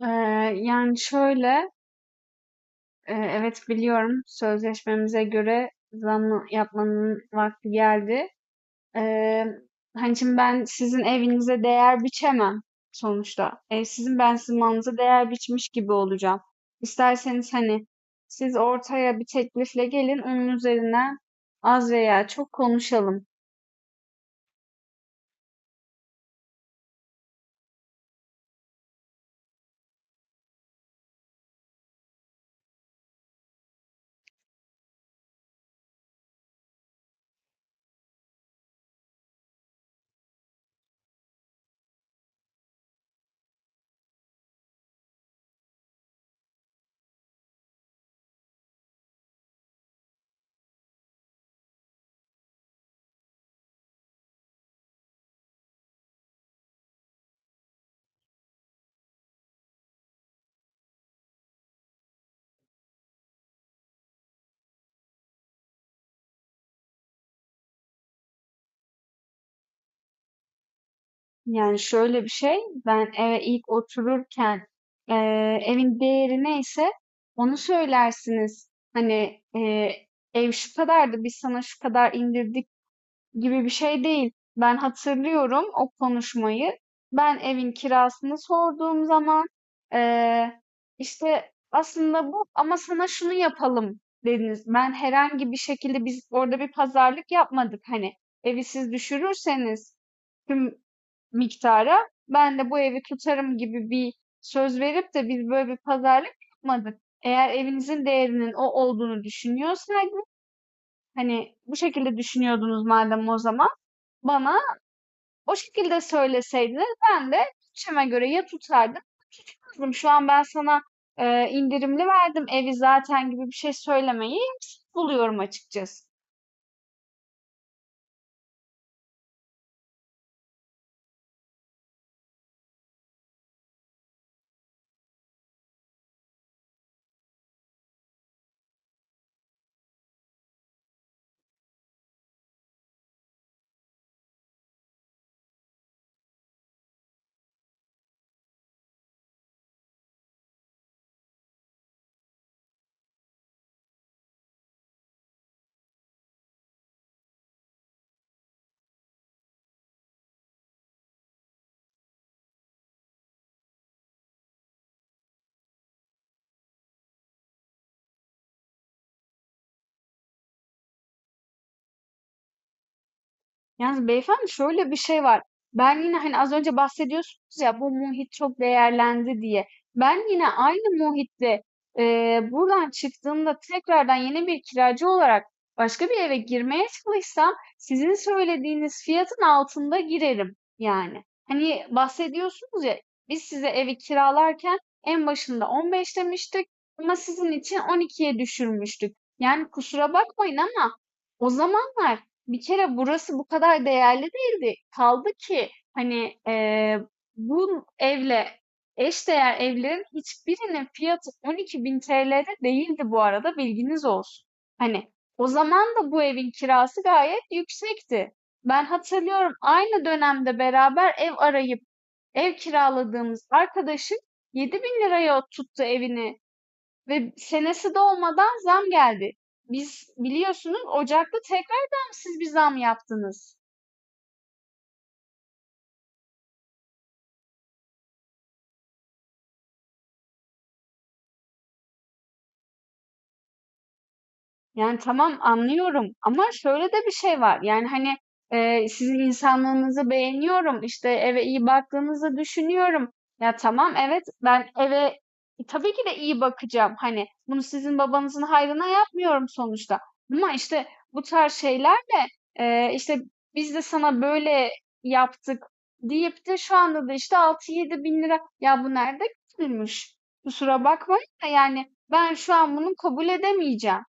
Eee, Yani şöyle, evet biliyorum sözleşmemize göre zam yapmanın vakti geldi. Eee Hani şimdi ben sizin evinize değer biçemem sonuçta. Ev sizin, ben sizin malınıza değer biçmiş gibi olacağım. İsterseniz hani siz ortaya bir teklifle gelin, onun üzerine az veya çok konuşalım. Yani şöyle bir şey, ben eve ilk otururken evin değeri neyse onu söylersiniz. Hani, ev şu kadardı, biz sana şu kadar indirdik gibi bir şey değil. Ben hatırlıyorum o konuşmayı. Ben evin kirasını sorduğum zaman eee, işte aslında bu, ama sana şunu yapalım dediniz. Ben herhangi bir şekilde, biz orada bir pazarlık yapmadık. Hani evi siz düşürürseniz tüm miktara, ben de bu evi tutarım gibi bir söz verip de biz böyle bir pazarlık yapmadık. Eğer evinizin değerinin o olduğunu düşünüyorsaydınız, hani bu şekilde düşünüyordunuz madem o zaman, bana o şekilde söyleseydiniz ben de bütçeme göre ya tutardım ya tutmazdım. Şu an ben sana indirimli verdim evi zaten gibi bir şey söylemeyi buluyorum açıkçası. Yalnız beyefendi, şöyle bir şey var. Ben yine, hani az önce bahsediyorsunuz ya, bu muhit çok değerlendi diye. Ben yine aynı muhitte, buradan çıktığımda tekrardan yeni bir kiracı olarak başka bir eve girmeye çalışsam sizin söylediğiniz fiyatın altında girerim yani. Hani bahsediyorsunuz ya, biz size evi kiralarken en başında 15 demiştik ama sizin için 12'ye düşürmüştük. Yani kusura bakmayın ama o zamanlar bir kere burası bu kadar değerli değildi. Kaldı ki hani, bu evle eşdeğer evlerin hiçbirinin fiyatı ₺12.000 değildi bu arada, bilginiz olsun. Hani, o zaman da bu evin kirası gayet yüksekti. Ben hatırlıyorum, aynı dönemde beraber ev arayıp ev kiraladığımız arkadaşın 7.000 liraya tuttu evini ve senesi dolmadan zam geldi. Biz biliyorsunuz, Ocak'ta tekrardan siz bir zam yaptınız. Yani tamam, anlıyorum ama şöyle de bir şey var. Yani, hani, sizin insanlığınızı beğeniyorum, işte, eve iyi baktığınızı düşünüyorum. Ya tamam, evet, ben eve tabii ki de iyi bakacağım. Hani, bunu sizin babanızın hayrına yapmıyorum sonuçta ama işte, bu tarz şeylerle, işte, "Biz de sana böyle yaptık." deyip de şu anda da işte, 6-7 bin lira ya, bu nerede görülmüş? Kusura bakmayın da, yani, ben şu an bunu kabul edemeyeceğim.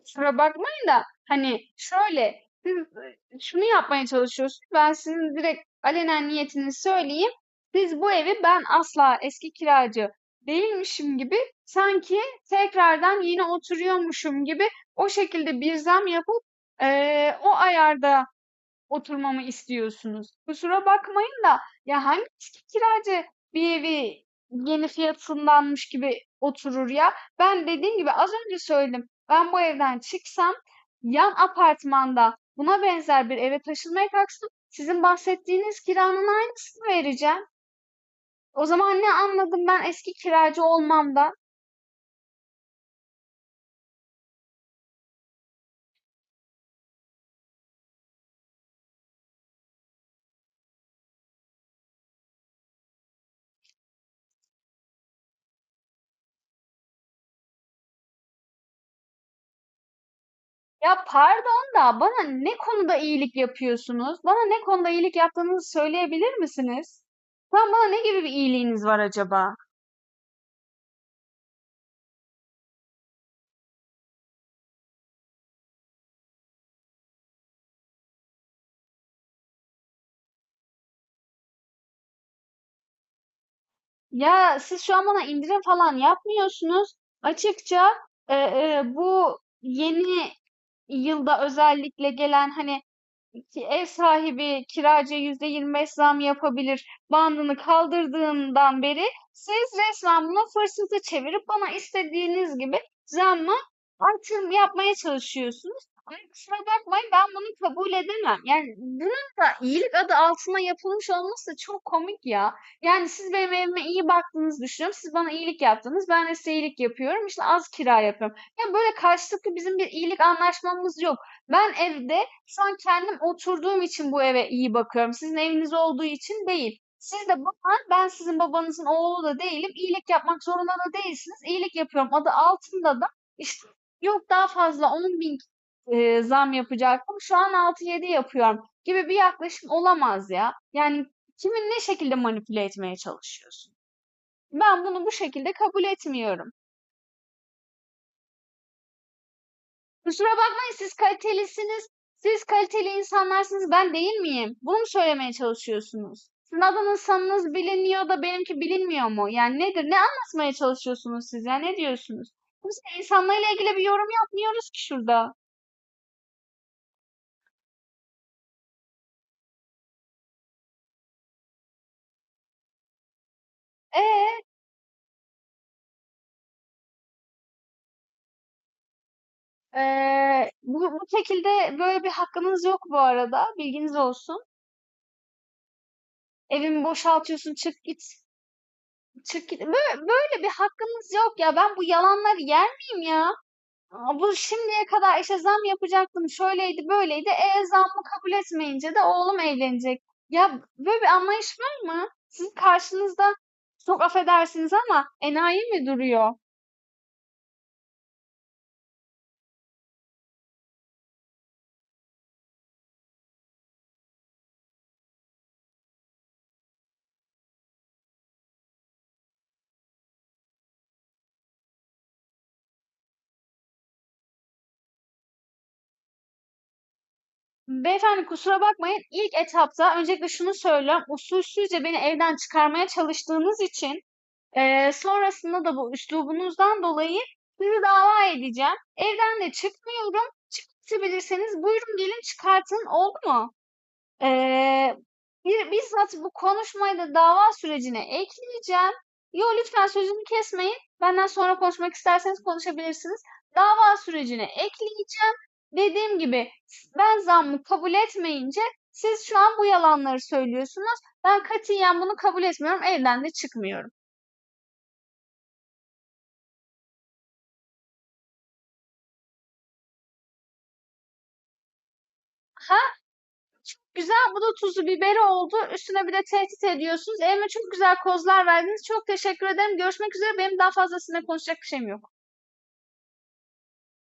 Kusura bakmayın da, hani şöyle siz şunu yapmaya çalışıyorsunuz. Ben sizin direkt alenen niyetini söyleyeyim. Siz bu evi, ben asla eski kiracı değilmişim gibi, sanki tekrardan yeni oturuyormuşum gibi o şekilde bir zam yapıp e, o ayarda oturmamı istiyorsunuz? Kusura bakmayın da, ya hangi eski kiracı bir evi yeni fiyatındanmış gibi oturur ya? Ben dediğim gibi az önce söyledim. Ben bu evden çıksam, yan apartmanda buna benzer bir eve taşınmaya kalksam sizin bahsettiğiniz kiranın aynısını vereceğim. O zaman ne anladım ben eski kiracı olmamdan? Ya pardon da, bana ne konuda iyilik yapıyorsunuz? Bana ne konuda iyilik yaptığınızı söyleyebilir misiniz? Tam bana ne gibi bir iyiliğiniz var acaba? Ya siz şu an bana indirim falan yapmıyorsunuz. Açıkça, bu yeni yılda özellikle gelen, hani ki ev sahibi kiracıya %25 zam yapabilir bandını kaldırdığından beri siz resmen buna fırsatı çevirip bana istediğiniz gibi zamla artırım yapmaya çalışıyorsunuz. Ama kusura bakmayın, ben bunu kabul edemem. Yani bunun da iyilik adı altına yapılmış olması da çok komik ya. Yani siz benim evime iyi baktığınızı düşünüyorum. Siz bana iyilik yaptınız, ben de size iyilik yapıyorum. İşte az kira yapıyorum. Yani böyle karşılıklı bizim bir iyilik anlaşmamız yok. Ben evde şu an kendim oturduğum için bu eve iyi bakıyorum, sizin eviniz olduğu için değil. Siz de bana, ben sizin babanızın oğlu da değilim. İyilik yapmak zorunda da değilsiniz. İyilik yapıyorum adı altında da işte, yok daha fazla 10 bin zam yapacaktım, şu an 6-7 yapıyorum gibi bir yaklaşım olamaz ya. Yani kimin ne şekilde manipüle etmeye çalışıyorsun? Ben bunu bu şekilde kabul etmiyorum. Kusura bakmayın, siz kalitelisiniz. Siz kaliteli insanlarsınız, ben değil miyim? Bunu mu söylemeye çalışıyorsunuz? Sizin adınız biliniyor da benimki bilinmiyor mu? Yani nedir? Ne anlatmaya çalışıyorsunuz siz ya? Ne diyorsunuz? Kimse insanlarla ilgili bir yorum yapmıyoruz ki şurada. Ee, bu şekilde böyle bir hakkınız yok bu arada. Bilginiz olsun. Evimi boşaltıyorsun, çık git. Çık git. Böyle, böyle bir hakkınız yok ya. Ben bu yalanları yer miyim ya? Aa, bu şimdiye kadar işte zam yapacaktım, şöyleydi, böyleydi. E, zammı kabul etmeyince de oğlum evlenecek. Ya böyle bir anlayış var mı? Sizin karşınızda çok affedersiniz ama enayi mi duruyor? Beyefendi kusura bakmayın. İlk etapta öncelikle şunu söylüyorum. Usulsüzce beni evden çıkarmaya çalıştığınız için, sonrasında da bu üslubunuzdan dolayı sizi dava edeceğim. Evden de çıkmıyorum. Çıkartabilirseniz buyurun, gelin çıkartın, oldu mu? Eee, Bizzat bu konuşmayı da dava sürecine ekleyeceğim. Yo, lütfen sözümü kesmeyin. Benden sonra konuşmak isterseniz konuşabilirsiniz. Dava sürecine ekleyeceğim. Dediğim gibi, ben zammı kabul etmeyince siz şu an bu yalanları söylüyorsunuz. Ben katiyen bunu kabul etmiyorum. Evden de çıkmıyorum. Ha, güzel, bu da tuzu biberi oldu. Üstüne bir de tehdit ediyorsunuz. Elime çok güzel kozlar verdiniz. Çok teşekkür ederim. Görüşmek üzere. Benim daha fazlasıyla konuşacak bir şeyim yok.